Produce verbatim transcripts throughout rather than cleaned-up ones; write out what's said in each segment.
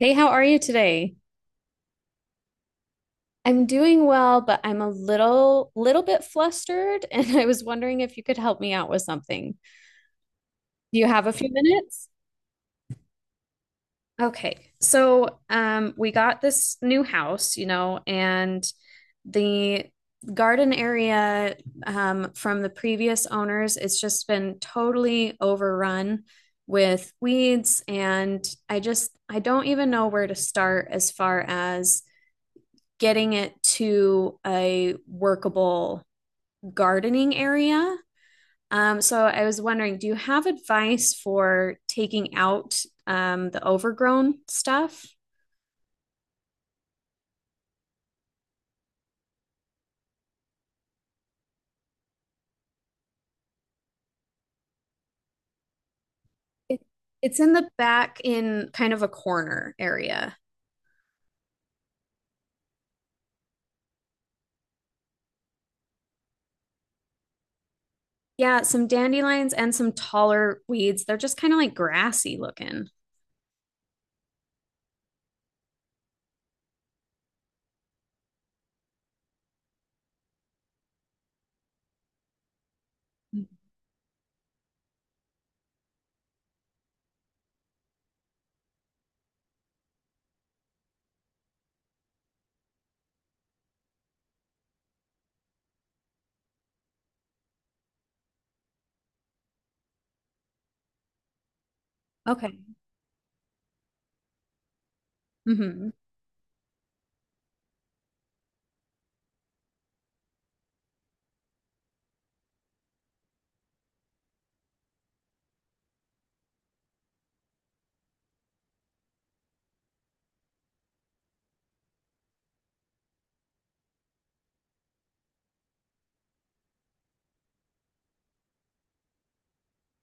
Hey, how are you today? I'm doing well, but I'm a little little bit flustered, and I was wondering if you could help me out with something. Do you have a few minutes? Okay. So, um, we got this new house, you know, and the garden area um, from the previous owners, it's just been totally overrun with weeds, and I just I don't even know where to start as far as getting it to a workable gardening area. Um, so I was wondering, do you have advice for taking out um, the overgrown stuff? It, it's in the back in kind of a corner area. Yeah, some dandelions and some taller weeds. They're just kind of like grassy looking. Okay. hmm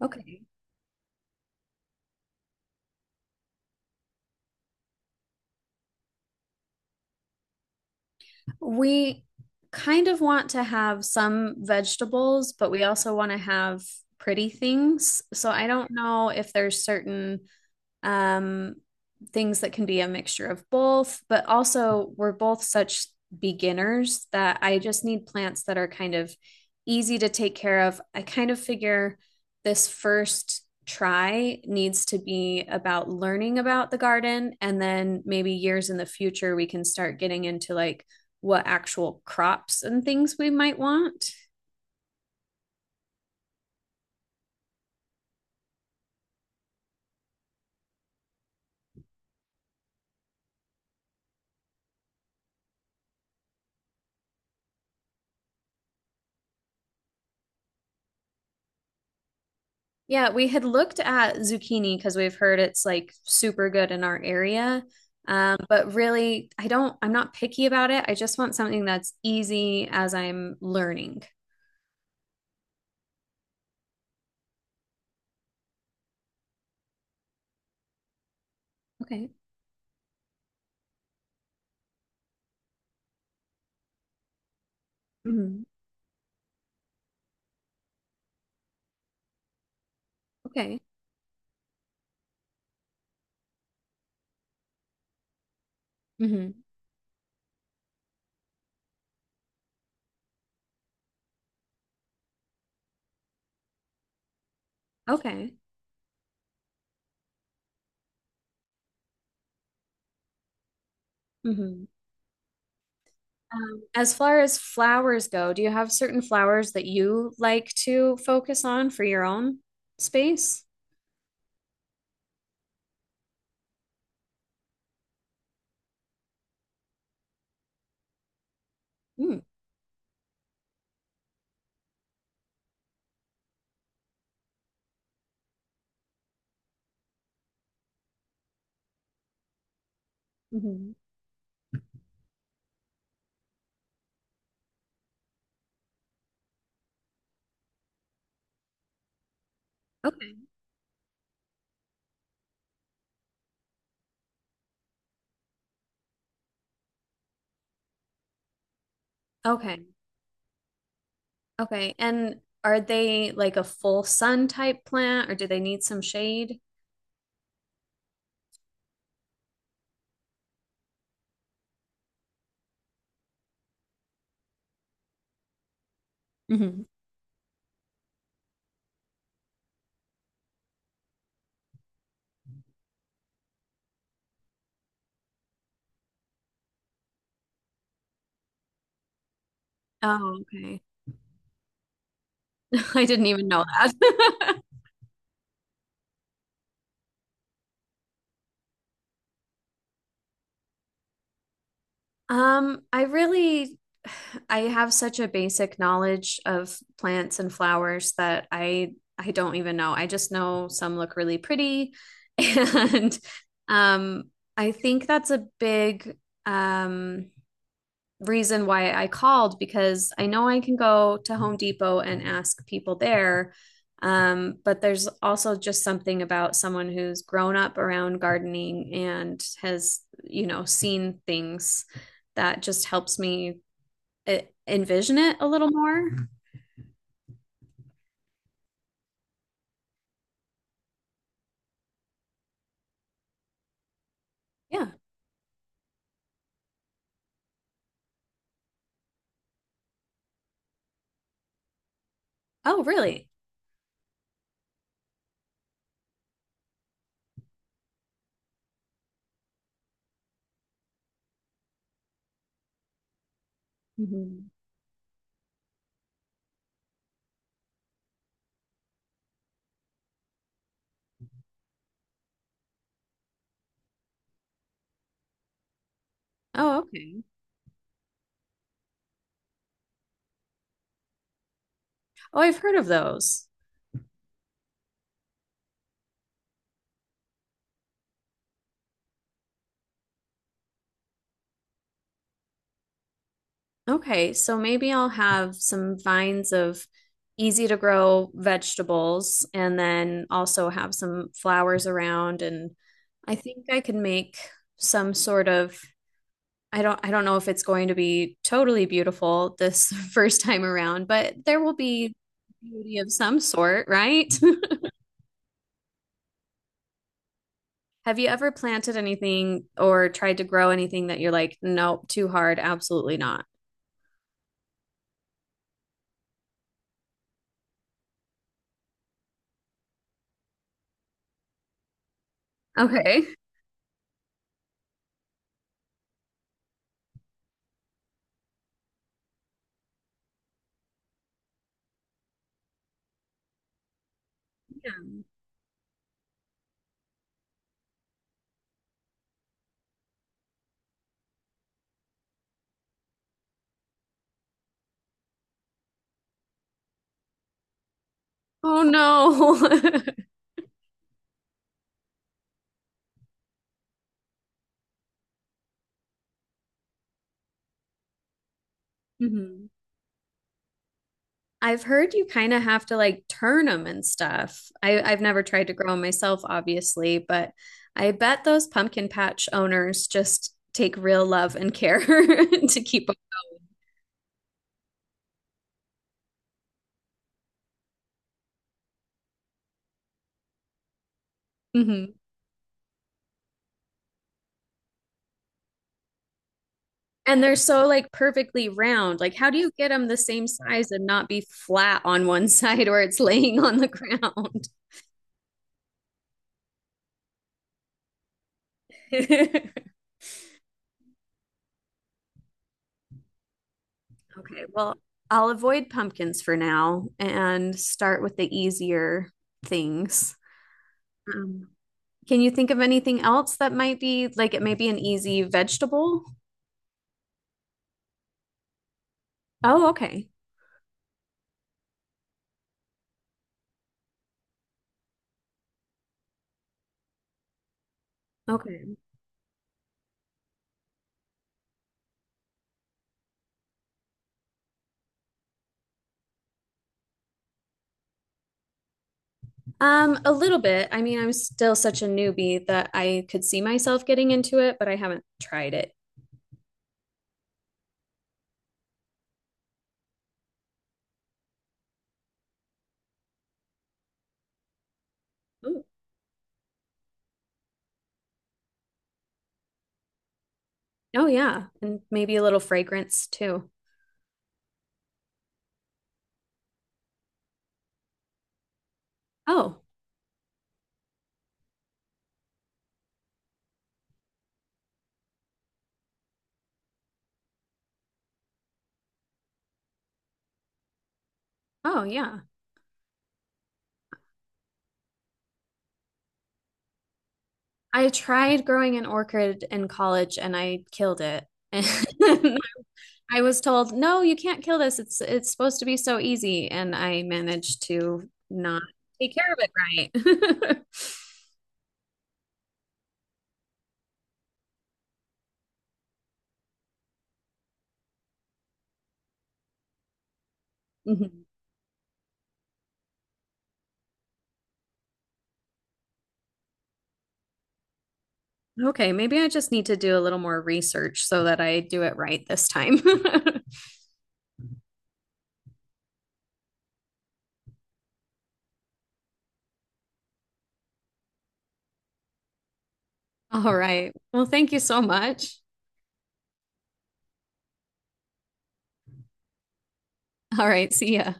Okay. We kind of want to have some vegetables, but we also want to have pretty things. So I don't know if there's certain um, things that can be a mixture of both, but also we're both such beginners that I just need plants that are kind of easy to take care of. I kind of figure this first try needs to be about learning about the garden, and then maybe years in the future we can start getting into like what actual crops and things we might want. Yeah, we had looked at zucchini because we've heard it's like super good in our area. Um, but really, I don't, I'm not picky about it. I just want something that's easy as I'm learning. Okay. hmm Okay. hmm Okay. hmm Um, as far as flowers go, do you have certain flowers that you like to focus on for your own space? Mm-hmm. Okay. Okay. Okay. And are they like a full sun type plant, or do they need some shade? Hmm. Oh, okay. I didn't even know that. Um, I really I have such a basic knowledge of plants and flowers that I I don't even know. I just know some look really pretty and um I think that's a big um reason why I called, because I know I can go to Home Depot and ask people there. Um, but there's also just something about someone who's grown up around gardening and has, you know, seen things that just helps me eh, envision it a little more. Yeah. Oh, really? Mhm. Oh, okay. Oh, I've heard of those. Okay, so maybe I'll have some vines of easy to grow vegetables and then also have some flowers around, and I think I can make some sort of I don't I don't know if it's going to be totally beautiful this first time around, but there will be beauty of some sort, right? Have you ever planted anything or tried to grow anything that you're like, nope, too hard, absolutely not? Okay. Yeah. Oh no. Mhm. I've heard you kind of have to like turn them and stuff. I, I've never tried to grow them myself, obviously, but I bet those pumpkin patch owners just take real love and care to keep them. Hmm. And they're so like perfectly round. Like, how do you get them the same size and not be flat on one side where it's laying on the ground? Okay, well, I'll avoid pumpkins for now and start with the easier things. Um, can you think of anything else that might be like it may be an easy vegetable? Oh, okay. Okay. Um, a little bit. I mean, I'm still such a newbie that I could see myself getting into it, but I haven't tried it. Ooh. Oh, yeah. And maybe a little fragrance too. Oh, oh, yeah. I tried growing an orchid in college and I killed it. I was told, "No, you can't kill this. It's it's supposed to be so easy." And I managed to not take care of it right. Mhm. Okay, maybe I just need to do a little more research so that I do it right this time. All right. Well, thank you so much. All right, see ya.